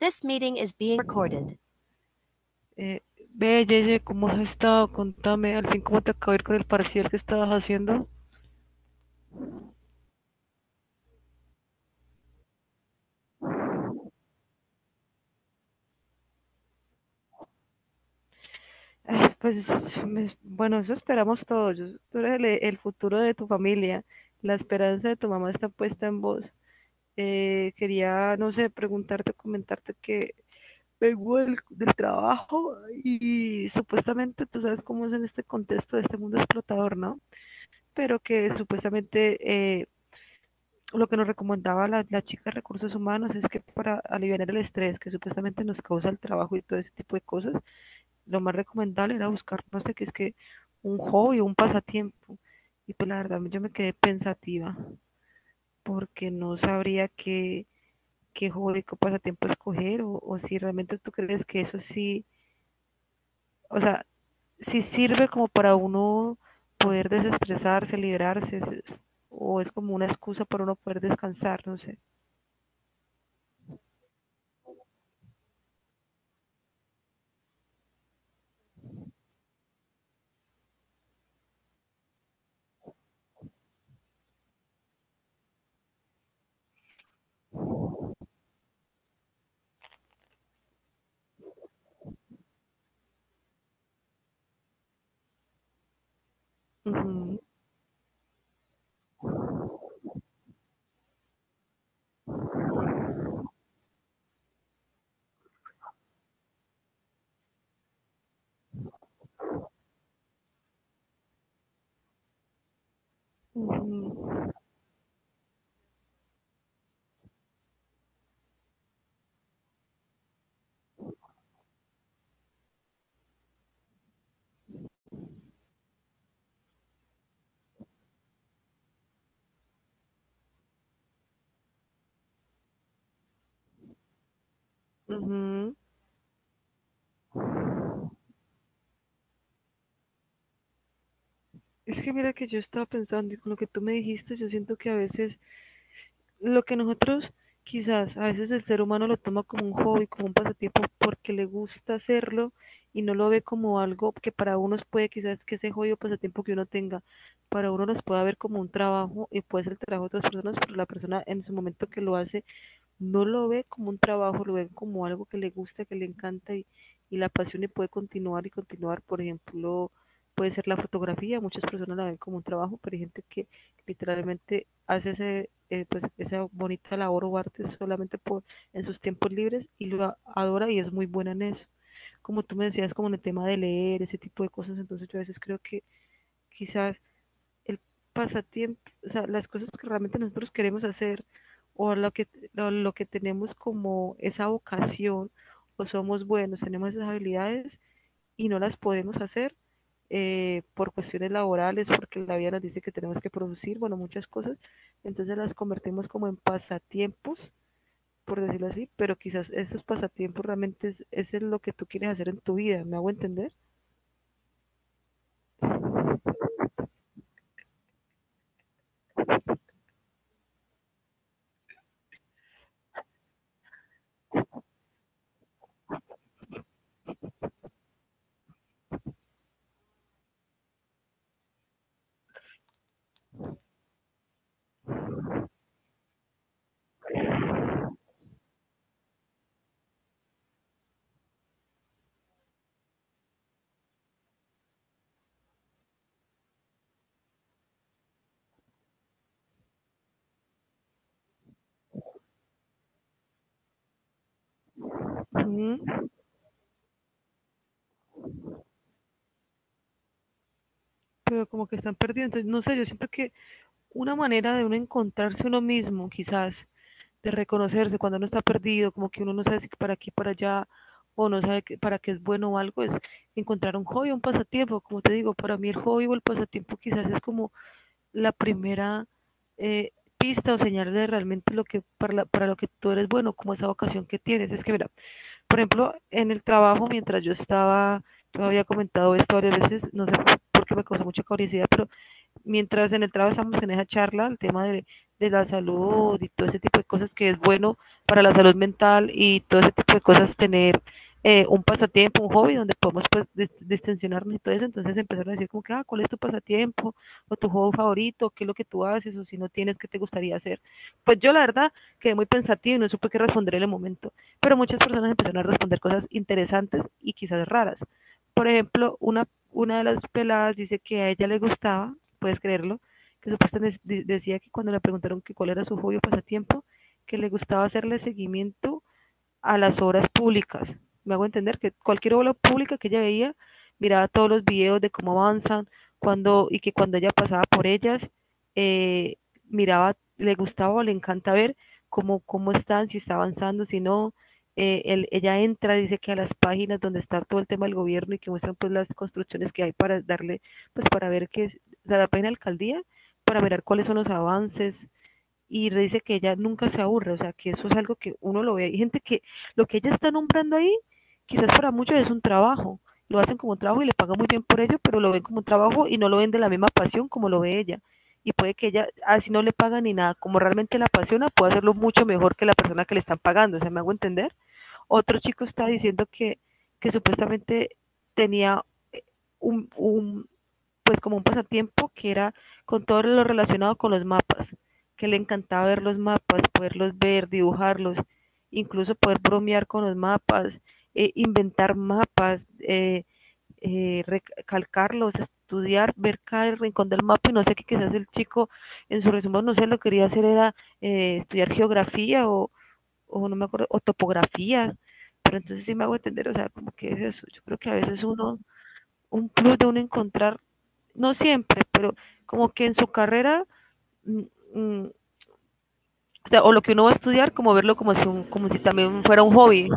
This meeting is being recorded. Eh, Ve, Yeye, ¿cómo has estado? Contame, al fin, ¿cómo te acabó de ir con el parcial que estabas haciendo? Ay, bueno, eso esperamos todos. Tú eres el futuro de tu familia. La esperanza de tu mamá está puesta en vos. Quería, no sé, preguntarte, comentarte que vengo del trabajo y supuestamente tú sabes cómo es en este contexto de este mundo explotador, ¿no? Pero que supuestamente eh, lo que nos recomendaba la chica de recursos humanos es que para aliviar el estrés que supuestamente nos causa el trabajo y todo ese tipo de cosas, lo más recomendable era buscar, no sé qué es que, un hobby, un pasatiempo. Y pues la verdad yo me quedé pensativa porque no sabría qué, qué hobby, qué pasatiempo escoger o si realmente tú crees que eso sí, o sea, sí sirve como para uno poder desestresarse, liberarse, o es como una excusa para uno poder descansar, no sé. Ujú. Ujú, ujú. Es que mira que yo estaba pensando y con lo que tú me dijiste, yo siento que a veces lo que nosotros quizás, a veces el ser humano lo toma como un hobby, como un pasatiempo porque le gusta hacerlo y no lo ve como algo que para unos puede quizás que ese hobby o pasatiempo que uno tenga, para uno los pueda ver como un trabajo y puede ser el trabajo de otras personas, pero la persona en su momento que lo hace no lo ve como un trabajo, lo ve como algo que le gusta, que le encanta y la apasiona y puede continuar y continuar. Por ejemplo, puede ser la fotografía, muchas personas la ven como un trabajo, pero hay gente que literalmente hace ese, pues, esa bonita labor o arte solamente por, en sus tiempos libres y lo adora y es muy buena en eso. Como tú me decías, como en el tema de leer, ese tipo de cosas, entonces yo a veces creo que quizás el pasatiempo, o sea, las cosas que realmente nosotros queremos hacer o lo que, lo que tenemos como esa vocación o somos buenos, tenemos esas habilidades y no las podemos hacer por cuestiones laborales, porque la vida nos dice que tenemos que producir, bueno, muchas cosas, entonces las convertimos como en pasatiempos, por decirlo así, pero quizás esos pasatiempos realmente es lo que tú quieres hacer en tu vida, ¿me hago entender? Ujú. Pero como que están perdidos, entonces no sé, yo siento que una manera de uno encontrarse uno mismo, quizás, de reconocerse cuando uno está perdido, como que uno no sabe si para aquí, para allá, o no sabe para qué es bueno o algo, es encontrar un hobby, un pasatiempo. Como te digo, para mí el hobby o el pasatiempo quizás es como la primera eh, pista o señal de realmente lo que para, para lo que tú eres bueno, como esa vocación que tienes. Es que, mira, por ejemplo, en el trabajo, mientras yo estaba, yo había comentado esto varias veces, no sé por qué me causó mucha curiosidad, pero mientras en el trabajo estamos en esa charla, el tema de la salud y todo ese tipo de cosas que es bueno para la salud mental y todo ese tipo de cosas, tener un pasatiempo, un hobby donde podemos pues distensionarnos y todo eso. Entonces empezaron a decir como que, ah, ¿cuál es tu pasatiempo? ¿O tu hobby favorito? ¿Qué es lo que tú haces? ¿O si no tienes, qué te gustaría hacer? Pues yo la verdad quedé muy pensativa y no supe qué responder en el momento. Pero muchas personas empezaron a responder cosas interesantes y quizás raras. Por ejemplo, una de las peladas dice que a ella le gustaba puedes creerlo, que supuestamente decía que cuando le preguntaron que cuál era su hobby o pasatiempo, que le gustaba hacerle seguimiento a las obras públicas. Me hago entender que cualquier obra pública que ella veía, miraba todos los videos de cómo avanzan, cuando, y que cuando ella pasaba por ellas, eh, miraba, le gustaba o le encanta ver cómo, cómo están, si está avanzando, si no. Ella entra, dice que a las páginas donde está todo el tema del gobierno y que muestran pues las construcciones que hay para darle, pues para ver qué es, o sea, la página de alcaldía, para ver cuáles son los avances, y dice que ella nunca se aburre, o sea, que eso es algo que uno lo ve. Hay gente que lo que ella está nombrando ahí, quizás para muchos es un trabajo, lo hacen como un trabajo y le pagan muy bien por ello, pero lo ven como un trabajo y no lo ven de la misma pasión como lo ve ella. Y puede que ella, así no le pagan ni nada, como realmente la apasiona, puede hacerlo mucho mejor que la persona que le están pagando, o sea, me hago entender. Otro chico está diciendo que supuestamente tenía eh, un, un, pues como un pasatiempo que era con todo lo relacionado con los mapas, que le encantaba ver los mapas, poderlos ver, dibujarlos, incluso poder bromear con los mapas, inventar mapas, recalcarlos, estudiar, ver cada rincón del mapa y no sé qué quizás el chico en su resumen, no sé, lo que quería hacer era estudiar geografía o no me acuerdo, o topografía, pero entonces sí me hago entender, o sea, como que es eso, yo creo que a veces uno, un plus de uno encontrar no siempre, pero como que en su carrera, mm, mm, o sea, o lo que uno va a estudiar, como verlo como si, un, como si también fuera un hobby.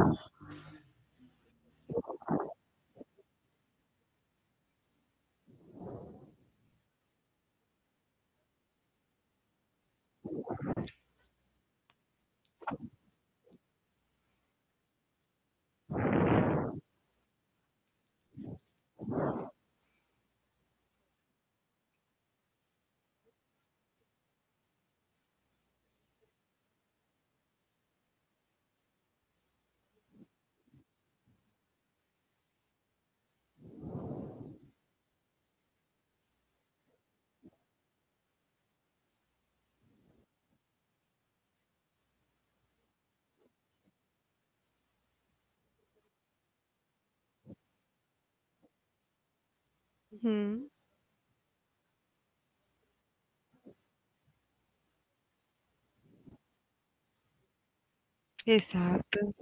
Ujú. Exacto.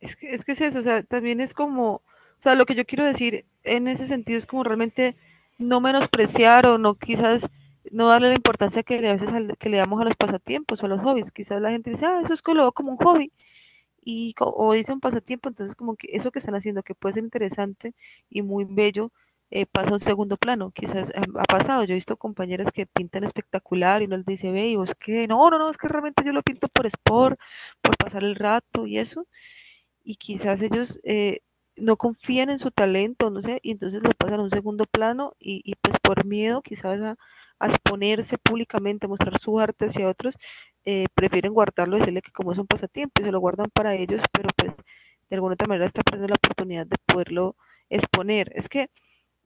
Es que es eso, o sea, también es como, o sea, lo que yo quiero decir en ese sentido es como realmente no menospreciar o no quizás no darle la importancia que le, a veces que le damos a los pasatiempos o a los hobbies. Quizás la gente dice, ah, eso es que lo veo como un hobby. O dice un pasatiempo, entonces como que eso que están haciendo, que puede ser interesante y muy bello, pasa a un segundo plano. Quizás ha pasado, yo he visto compañeras que pintan espectacular y uno les dice, ve, y vos qué, no, no, no, es que realmente yo lo pinto por sport, por pasar el rato y eso, y quizás ellos no confían en su talento, no sé, y entonces lo pasan a un segundo plano y pues por miedo quizás a, exponerse públicamente, a mostrar su arte hacia otros, prefieren guardarlo, decirle que como es un pasatiempo y se lo guardan para ellos, pero pues de alguna otra manera está perdiendo la oportunidad de poderlo exponer. Es que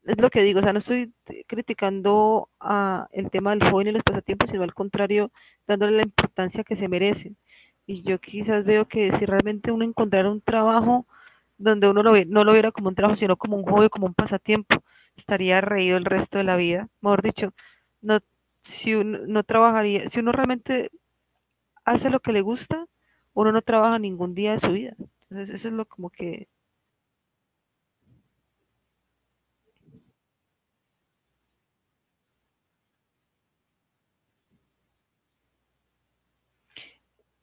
es lo que digo, o sea, no estoy criticando a el tema del joven y los pasatiempos, sino al contrario, dándole la importancia que se merecen. Y yo quizás veo que si realmente uno encontrara un trabajo donde uno lo, ve, no lo viera como un trabajo, sino como un hobby, como un pasatiempo, estaría reído el resto de la vida. Mejor dicho, no, si uno, no trabajaría, si uno realmente hace lo que le gusta, uno no trabaja ningún día de su vida. Entonces, eso es lo como que...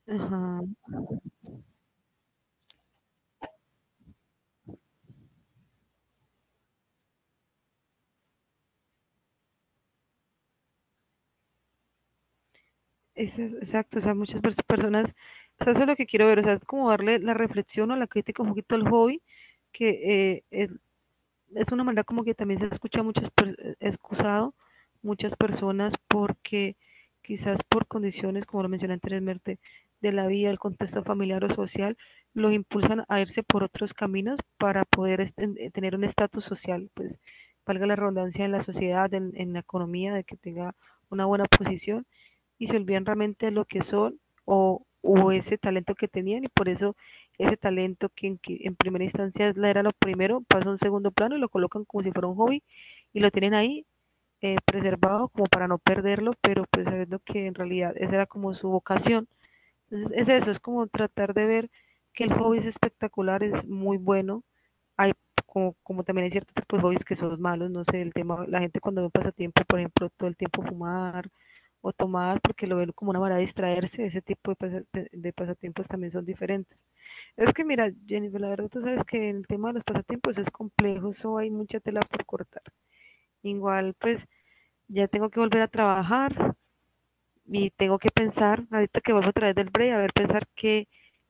Ajá. Exacto, o sea, personas, o sea, eso es lo que quiero ver, o sea, es como darle la reflexión o la crítica un poquito al hobby, que es una manera como que también se escucha excusado muchas personas porque quizás por condiciones, como lo mencioné anteriormente, de la vida, el contexto familiar o social, los impulsan a irse por otros caminos para poder tener un estatus social, pues valga la redundancia en la sociedad, en la economía, de que tenga una buena posición y se olvidan realmente de lo que son o ese talento que tenían y por eso ese talento que en primera instancia era lo primero pasa a un segundo plano y lo colocan como si fuera un hobby y lo tienen ahí preservado como para no perderlo, pero pues sabiendo que en realidad esa era como su vocación. Entonces es eso, es como tratar de ver que el hobby es espectacular, es muy bueno, hay, como, como también hay cierto tipo de hobbies que son malos, no sé, el tema, la gente cuando ve un pasatiempo, por ejemplo, todo el tiempo fumar o tomar, porque lo ven como una manera de distraerse, ese tipo de, de pasatiempos también son diferentes. Es que mira, Jennifer, la verdad tú sabes que el tema de los pasatiempos es complejo, eso hay mucha tela por cortar. Igual, pues ya tengo que volver a trabajar y tengo que pensar, ahorita que vuelvo a través del break, a ver, pensar qué,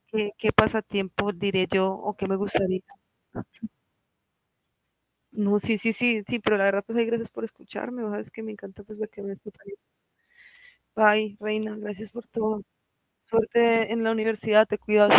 qué pasatiempo diré yo o qué me gustaría. No, sí, sí, sí, sí, pero la verdad, pues, ahí gracias por escucharme, vos sabes que me encanta, pues, la que me escuchas. Bye, reina, gracias por todo. Suerte en la universidad, te cuidas.